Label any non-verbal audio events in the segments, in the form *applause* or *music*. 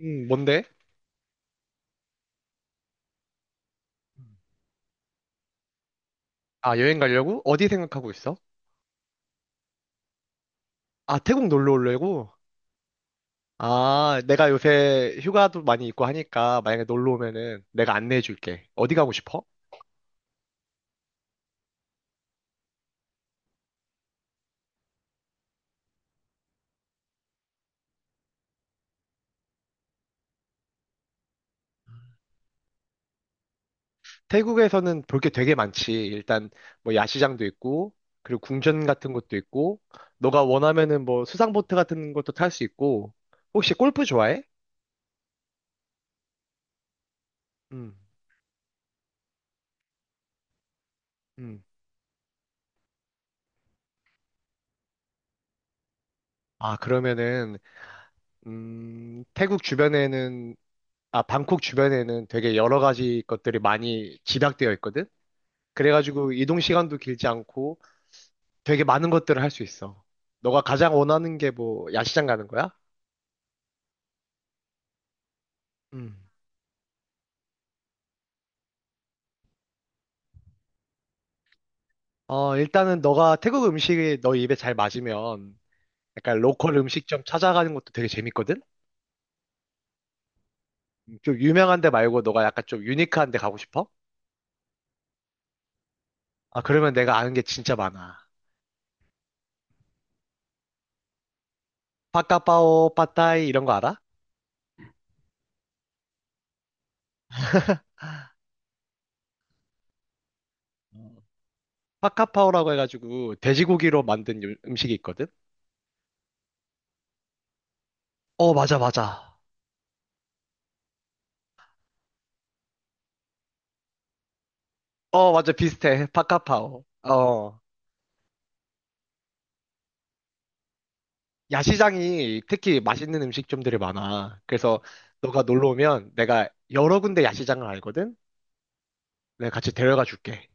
뭔데? 음. 아, 여행 가려고? 어디 생각하고 있어? 아, 태국 놀러 오려고? 아, 내가 요새 휴가도 많이 있고 하니까 만약에 놀러 오면은 내가 안내해 줄게. 어디 가고 싶어? 태국에서는 볼게 되게 많지. 일단 뭐 야시장도 있고, 그리고 궁전 같은 것도 있고, 너가 원하면은 뭐 수상보트 같은 것도 탈 수 있고, 혹시 골프 좋아해? 음, 음. 아, 그러면은, 태국 주변에는 아, 방콕 주변에는 되게 여러 가지 것들이 많이 집약되어 있거든? 그래가지고 이동 시간도 길지 않고 되게 많은 것들을 할 수 있어. 너가 가장 원하는 게 뭐, 야시장 가는 거야? 음. 어, 일단은 너가 태국 음식이 너 입에 잘 맞으면 약간 로컬 음식점 찾아가는 것도 되게 재밌거든? 좀 유명한 데 말고 너가 약간 좀 유니크한 데 가고 싶어? 아, 그러면 내가 아는 게 진짜 많아. 파카파오, 파타이 이런 거 알아? 어. 파카파오라고 해가지고 돼지고기로 만든 음식이 있거든? 어, 맞아, 맞아. 어, 맞아. 비슷해. 파카파오. 어. 야시장이 특히 맛있는 음식점들이 많아. 그래서 너가 놀러 오면 내가 여러 군데 야시장을 알거든? 내가 같이 데려가 줄게.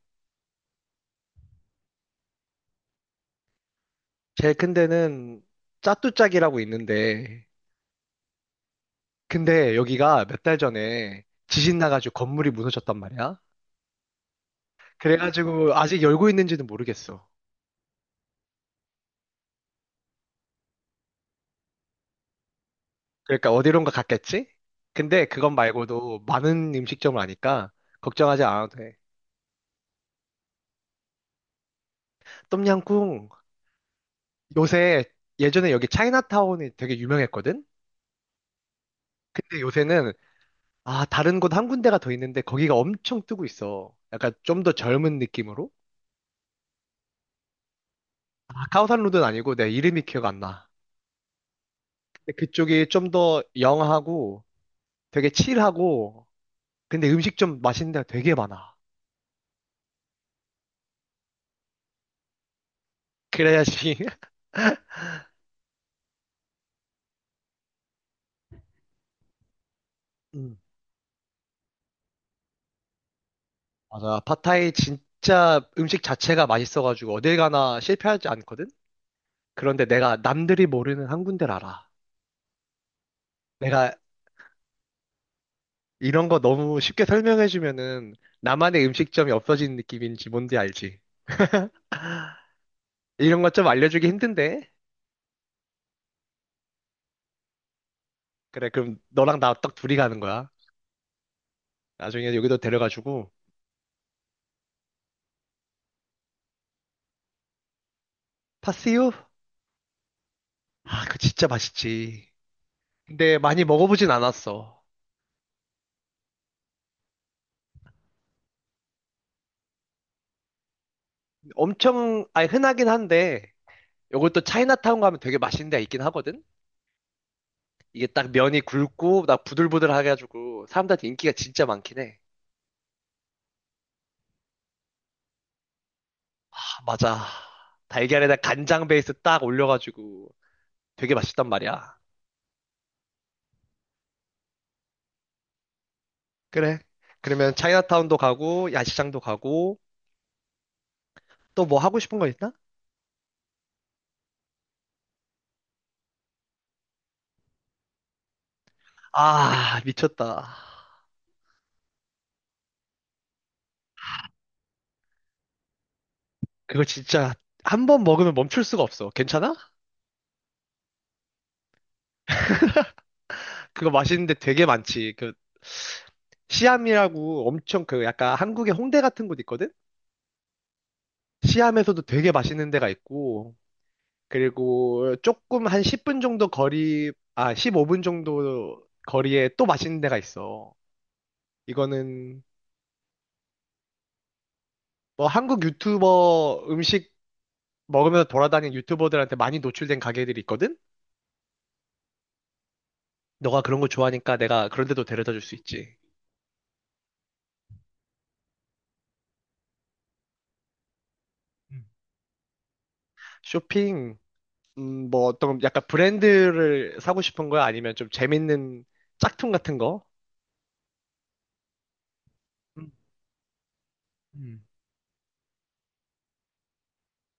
제일 큰 데는 짜뚜짝이라고 있는데, 근데 여기가 몇 달 전에 지진 나가지고 건물이 무너졌단 말이야. 그래가지고 아직 열고 있는지는 모르겠어. 그러니까 어디론가 갔겠지? 근데 그것 말고도 많은 음식점을 아니까 걱정하지 않아도 돼. 똠양꿍 요새 예전에 여기 차이나타운이 되게 유명했거든? 근데 요새는 아, 다른 곳 한 군데가 더 있는데 거기가 엄청 뜨고 있어. 약간 좀 더 젊은 느낌으로? 아, 카오산로드는 아니고 내 이름이 기억 안 나. 근데 그쪽이 좀 더 영하고 되게 칠하고 근데 음식 좀 맛있는 데가 되게 많아. 그래야지. *laughs* 음, 맞아. 팟타이 진짜 음식 자체가 맛있어가지고 어딜 가나 실패하지 않거든? 그런데 내가 남들이 모르는 한 군데를 알아. 내가 이런 거 너무 쉽게 설명해주면은 나만의 음식점이 없어지는 느낌인지 뭔지 알지? 이런 것 좀 알려주기 힘든데? 그래, 그럼 너랑 나 딱 둘이 가는 거야. 나중에 여기도 데려가지고. 파스유? 아, 그거 진짜 맛있지. 근데 많이 먹어보진 않았어. 엄청, 아니, 흔하긴 한데, 요것도 차이나타운 가면 되게 맛있는 데가 있긴 하거든? 이게 딱 면이 굵고, 나 부들부들하게 해가지고, 사람들한테 인기가 진짜 많긴 해. 아, 맞아. 달걀에다 간장 베이스 딱 올려가지고, 되게 맛있단 말이야. 그래. 그러면 차이나타운도 가고, 야시장도 가고, 또 뭐 하고 싶은 거 있나? 아, 미쳤다. 그거 진짜 한 번 먹으면 멈출 수가 없어. 괜찮아? 그거 맛있는데 되게 많지. 그, 시암이라고 엄청 그 약간 한국의 홍대 같은 곳 있거든? 시암에서도 되게 맛있는 데가 있고, 그리고 조금 한 10분 정도 거리, 아, 15분 정도 거리에 또 맛있는 데가 있어. 이거는 뭐 한국 유튜버 음식 먹으면서 돌아다니는 유튜버들한테 많이 노출된 가게들이 있거든? 너가 그런 거 좋아하니까 내가 그런 데도 데려다 줄 수 있지. 음. 쇼핑, 뭐 어떤 약간 브랜드를 사고 싶은 거야? 아니면 좀 재밌는 짝퉁 같은 거? 음, 음.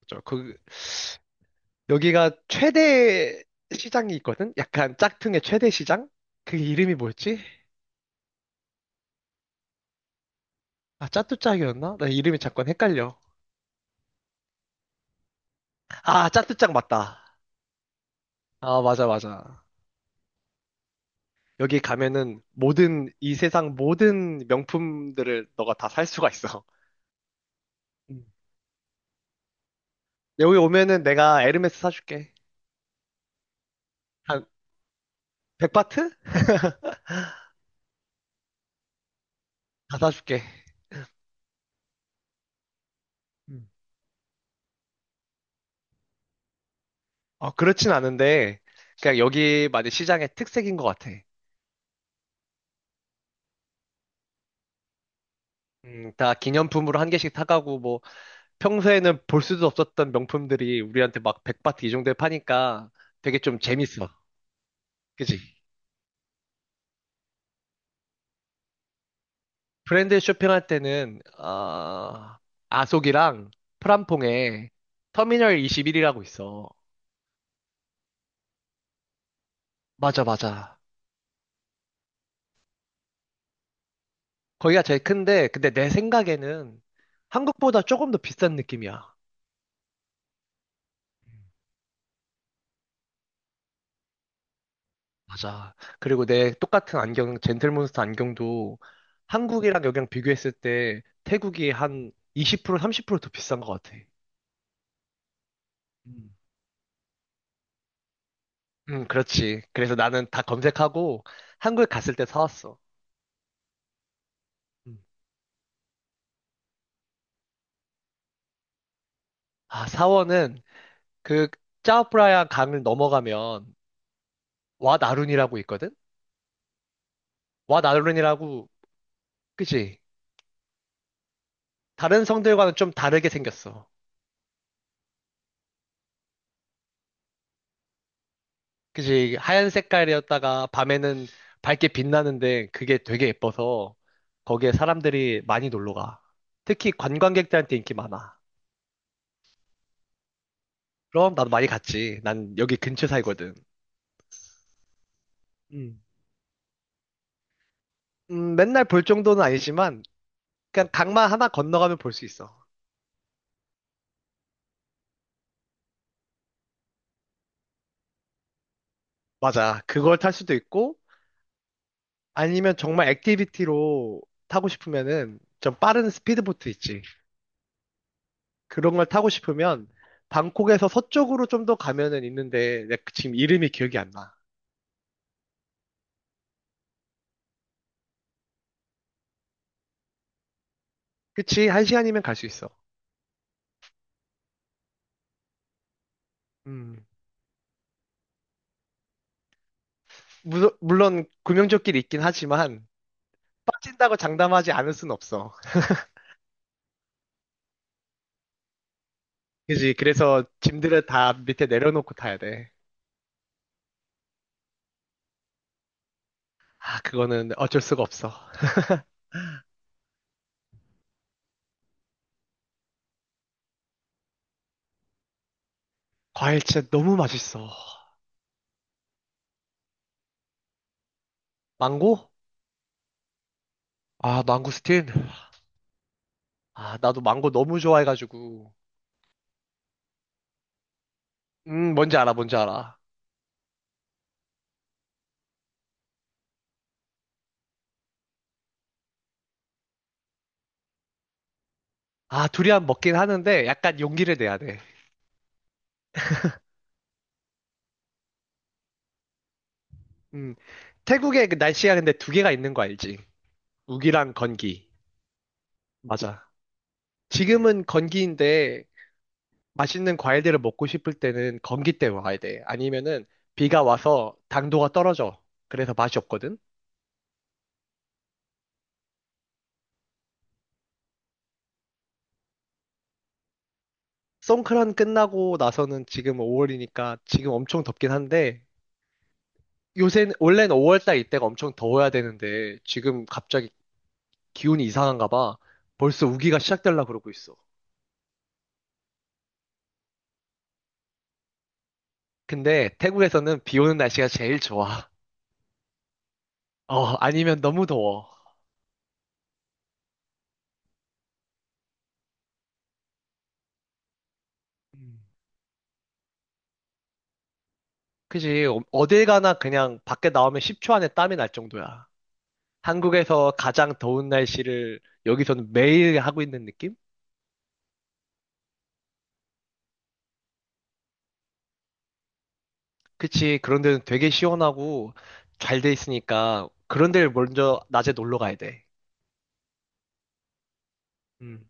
그죠. 그, 여기가 최대 시장이 있거든? 약간 짝퉁의 최대 시장? 그게 이름이 뭐였지? 아, 짜뚜짝이었나? 나 이름이 잠깐 헷갈려. 아, 짜뚜짝 맞다. 아, 맞아, 맞아. 여기 가면은 모든, 이 세상 모든 명품들을 너가 다 살 수가 있어. 음. 여기 오면은 내가 에르메스 사줄게. 한 100바트? *laughs* 다 사줄게. 음. 어, 그렇진 않은데, 그냥 여기 만약 시장의 특색인 것 같아. 다 기념품으로 한 개씩 사가고, 뭐, 평소에는 볼 수도 없었던 명품들이 우리한테 막 100바트 이 정도에 파니까 되게 좀 재밌어. 그지? 브랜드 쇼핑할 때는 아속이랑 프람퐁에 터미널 21이라고 있어. 맞아, 맞아. 거기가 제일 큰데 근데 내 생각에는 한국보다 조금 더 비싼 느낌이야. 맞아. 그리고 내 똑같은 안경, 젠틀몬스터 안경도 한국이랑 여기랑 비교했을 때 태국이 한 20% 30%더 비싼 것 같아. 음. 응, 그렇지. 그래서 나는 다 검색하고 한국에 갔을 때 사왔어. 음. 아, 사원은 그 짜오프라야 강을 넘어가면 와나룬이라고 있거든? 와나룬이라고, 그지? 다른 성들과는 좀 다르게 생겼어. 그지? 하얀 색깔이었다가 밤에는 밝게 빛나는데 그게 되게 예뻐서 거기에 사람들이 많이 놀러 가. 특히 관광객들한테 인기 많아. 그럼 나도 많이 갔지. 난 여기 근처 살거든. 음. 맨날 볼 정도는 아니지만 그냥 강만 하나 건너가면 볼 수 있어. 맞아. 그걸 탈 수도 있고 아니면 정말 액티비티로 타고 싶으면은 좀 빠른 스피드보트 있지. 그런 걸 타고 싶으면 방콕에서 서쪽으로 좀 더 가면은 있는데 내가 지금 이름이 기억이 안 나. 그치? 한 시간이면 갈 수 있어. 음. 물론 구명조끼리 있긴 하지만 빠진다고 장담하지 않을 순 없어. 그지? 그래서 짐들을 다 밑에 내려놓고 타야 돼. 아, 그거는 어쩔 수가 없어. 과일 진짜 너무 맛있어. 망고? 아, 망고스틴? 아, 나도 망고 너무 좋아해가지고. 뭔지 알아, 뭔지 알아. 아, 두리안 먹긴 하는데 약간 용기를 내야 돼. 음, 태국의 그 날씨가 근데 두 개가 있는 거 알지? 우기랑 건기. 맞아. 지금은 건기인데 맛있는 과일들을 먹고 싶을 때는 건기 때 와야 돼. 아니면은 비가 와서 당도가 떨어져. 그래서 맛이 없거든? 송크란 끝나고 나서는 지금 5월이니까 지금 엄청 덥긴 한데 요새 원래는 5월달 이때가 엄청 더워야 되는데 지금 갑자기 기온이 이상한가 봐. 벌써 우기가 시작되려고 그러고 있어. 근데 태국에서는 비 오는 날씨가 제일 좋아. 어, 아니면 너무 더워. 음. 그지? 어- 어딜 가나 그냥 밖에 나오면 10초 안에 땀이 날 정도야. 한국에서 가장 더운 날씨를 여기서는 매일 하고 있는 느낌? 그치? 그런 데는 되게 시원하고 잘 돼 있으니까 그런 데를 먼저 낮에 놀러 가야 돼. 음.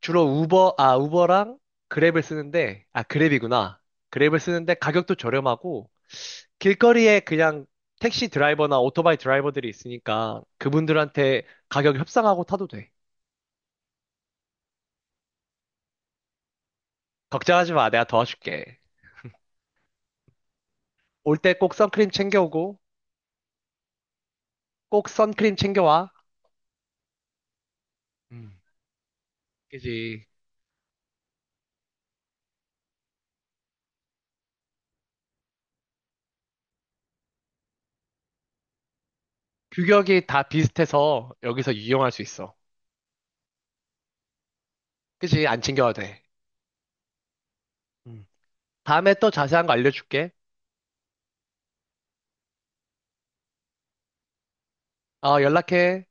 주로 우버, 아, 우버랑 그랩을 쓰는데, 아, 그랩이구나. 그랩을 쓰는데 가격도 저렴하고 길거리에 그냥 택시 드라이버나 오토바이 드라이버들이 있으니까 그분들한테 가격 협상하고 타도 돼. 걱정하지 마. 내가 도와줄게. 올 때 꼭 선크림 챙겨오고 꼭 선크림 챙겨와. 음, 그지. 규격이 다 비슷해서 여기서 이용할 수 있어. 그지? 안 챙겨와도 돼. 음. 다음에 또 자세한 거 알려줄게. 어, 연락해.